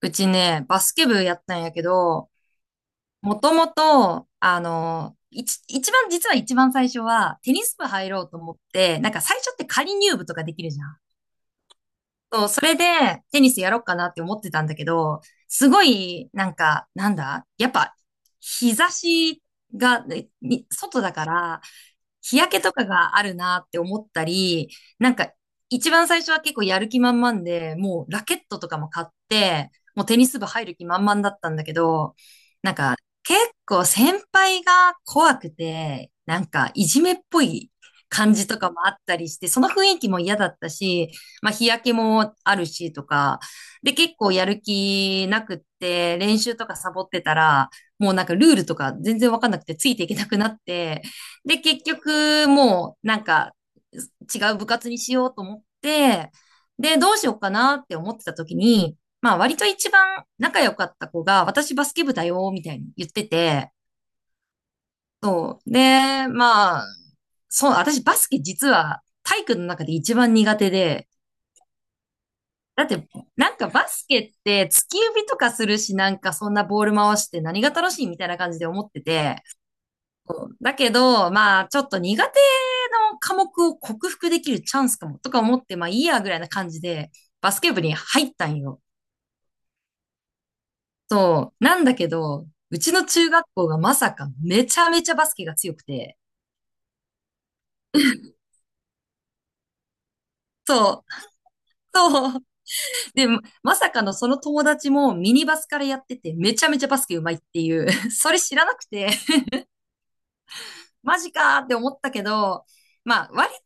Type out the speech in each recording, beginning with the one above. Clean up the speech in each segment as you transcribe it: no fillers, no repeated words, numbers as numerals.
うちね、バスケ部やったんやけど、もともと、あの、一、一番、実は一番最初は、テニス部入ろうと思って、なんか最初って仮入部とかできるじゃん。そう、それで、テニスやろうかなって思ってたんだけど、すごい、なんか、なんだ、やっぱ、日差しが、ねに外だから、日焼けとかがあるなって思ったり、なんか一番最初は結構やる気満々で、もうラケットとかも買って、もうテニス部入る気満々だったんだけど、結構先輩が怖くて、なんかいじめっぽい感じとかもあったりして、その雰囲気も嫌だったし、まあ日焼けもあるしとか、で結構やる気なくって練習とかサボってたら、もうなんかルールとか全然わかんなくてついていけなくなって、で結局もうなんか違う部活にしようと思って、でどうしようかなって思ってた時に、まあ割と一番仲良かった子が、私バスケ部だよ、みたいに言ってて、そう。で、まあ、そう、私バスケ実は体育の中で一番苦手で、だって、なんかバスケって突き指とかするし、なんかそんなボール回して何が楽しいみたいな感じで思ってて、そうだけど、まあ、ちょっと苦手の科目を克服できるチャンスかも、とか思って、まあいいやぐらいな感じで、バスケ部に入ったんよ。そう。なんだけど、うちの中学校がまさかめちゃめちゃバスケが強くて。そう。そう。で、まさかのその友達もミニバスからやっててめちゃめちゃバスケ上手いっていう、それ知らなくて。マジかーって思ったけど、まあ、割と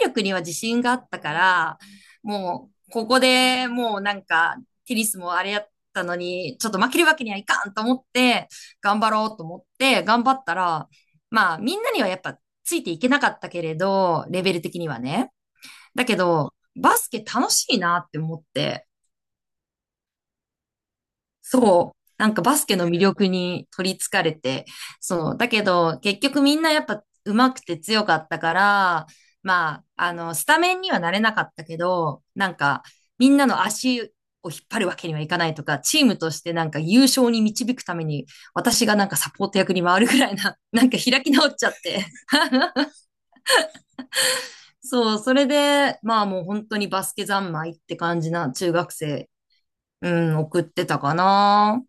体力には自信があったから、もう、ここでもうなんか、テニスもあれやったのに、ちょっと負けるわけにはいかんと思って、頑張ろうと思って、頑張ったら、まあ、みんなにはやっぱついていけなかったけれど、レベル的にはね。だけど、バスケ楽しいなって思って、そう。なんかバスケの魅力に取り憑かれて。そう。だけど、結局みんなやっぱ上手くて強かったから、まあ、スタメンにはなれなかったけど、なんか、みんなの足を引っ張るわけにはいかないとか、チームとしてなんか優勝に導くために、私がなんかサポート役に回るぐらいな、なんか開き直っちゃって。そう。それで、まあもう本当にバスケ三昧って感じな中学生、うん、送ってたかな。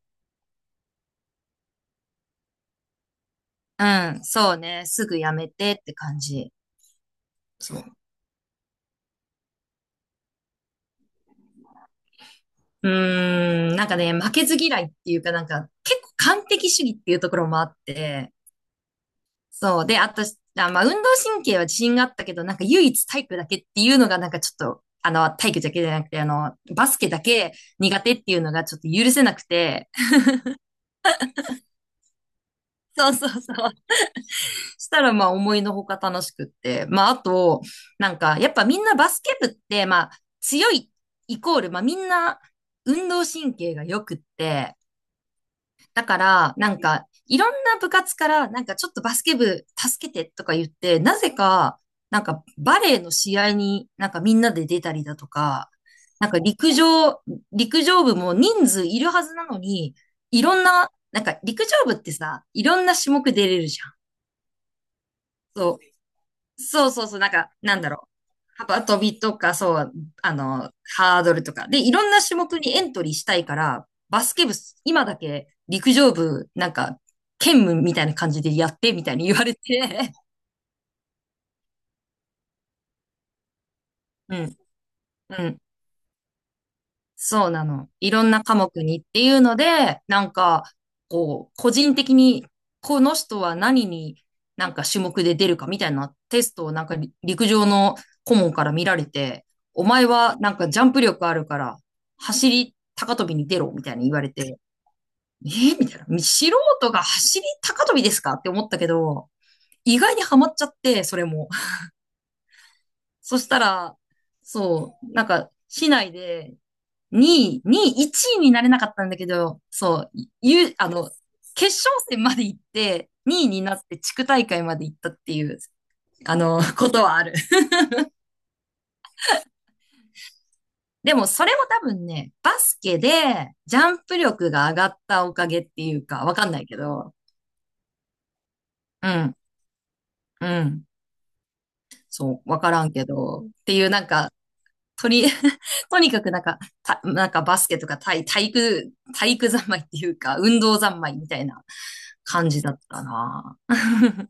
うん、そうね。すぐやめてって感じ。そう。うーん、なんかね、負けず嫌いっていうかなんか、結構完璧主義っていうところもあって、そう。で、あと、あ、まあ、運動神経は自信があったけど、なんか唯一体育だけっていうのがなんかちょっと、体育だけじゃなくて、バスケだけ苦手っていうのがちょっと許せなくて、そうそうそう。したら、まあ、思いのほか楽しくって。まあ、あと、なんか、やっぱみんなバスケ部って、まあ、強いイコール、まあ、みんな運動神経が良くって、だから、なんか、いろんな部活から、なんかちょっとバスケ部助けてとか言って、なぜか、なんかバレーの試合になんかみんなで出たりだとか、なんか陸上、陸上部も人数いるはずなのに、いろんな、なんか陸上部ってさ、いろんな種目出れるじゃん。そう。そうそうそう、なんか、なんだろう。幅跳びとか、そう、ハードルとか。で、いろんな種目にエントリーしたいから、バスケ部、今だけ陸上部、なんか、兼務みたいな感じでやって、みたいに言われて、うん、うん。そうなの。いろんな科目にっていうので、なんか、こう、個人的に、この人は何になんか種目で出るかみたいなテストをなんかり陸上の顧問から見られて、お前はなんかジャンプ力あるから、走り高跳びに出ろみたいに言われて、えーみたいな。素人が走り高跳びですかって思ったけど、意外にハマっちゃって、それも。そしたら、そう、なんか、市内で2位、2位、1位になれなかったんだけど、そう、ゆ、あの、決勝戦まで行って、2位になって地区大会まで行ったっていう、ことはある。でも、それも多分ね、バスケでジャンプ力が上がったおかげっていうか、わかんないけど、うん、うん、そう、わからんけど、っていうなんか、とり、とにかくなんか、なんかバスケとか体育三昧っていうか、運動三昧みたいな感じだったな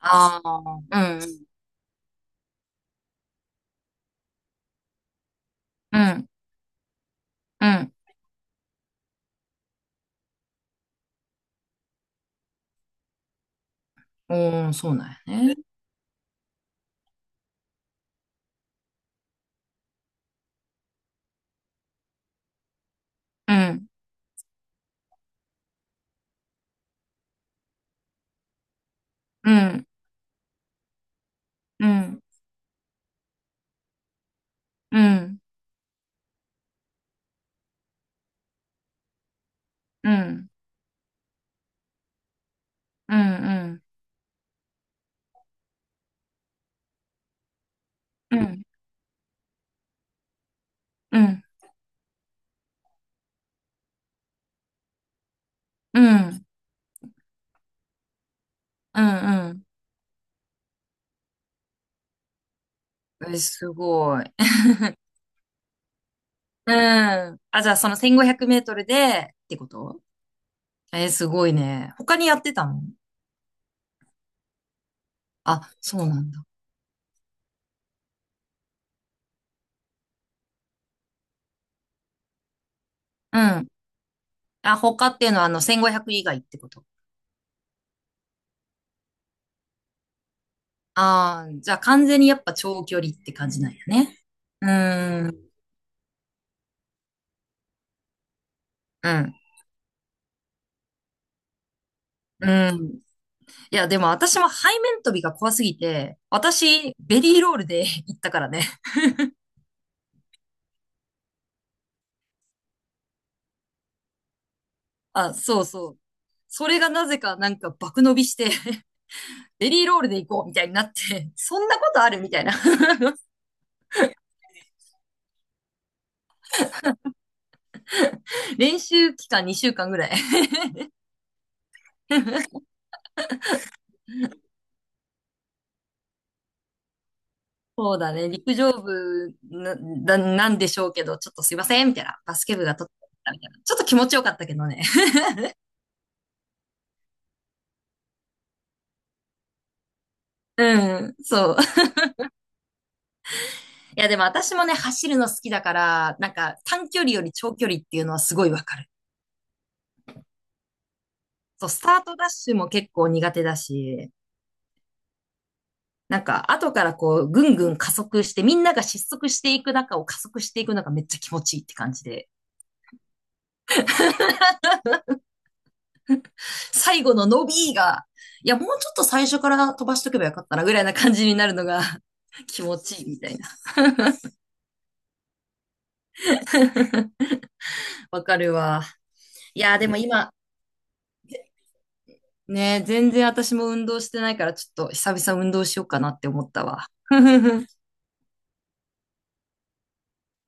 ああ、うんうん、うん、おー、そうなんやね。うん、うん、うん、うん、うん、うん、うん、うん、うん、うん、うん。え、すごい。うん。あ、じゃあ、その1500メートルで、ってこと。え、すごいね。他にやってたの？あ、そうなんだ。うん。あ、他っていうのは、1500以外ってこと？ああー、じゃあ、完全にやっぱ長距離って感じなんやね。うーん、うん、うん。いや、でも私も背面跳びが怖すぎて、私、ベリーロールで 行ったからね。あ、そうそう。それがなぜかなんか爆伸びして ベリーロールで行こうみたいになって、そんなことあるみたいな。 練習期間2週間ぐらい。 そうだね。陸上部なんでしょうけど、ちょっとすいません、みたいな。バスケ部が取ったみたいな。ちょっと気持ちよかったけどね。うん、そう。いや、でも私もね、走るの好きだから、なんか短距離より長距離っていうのはすごいわかる。そう、スタートダッシュも結構苦手だし、なんか、後からこう、ぐんぐん加速して、みんなが失速していく中を加速していくのがめっちゃ気持ちいいって感じで、最後の伸びが、いや、もうちょっと最初から飛ばしとけばよかったな、ぐらいな感じになるのが 気持ちいいみたいな。わかるわ。いや、でも今、ね、全然私も運動してないから、ちょっと久々運動しようかなって思ったわ。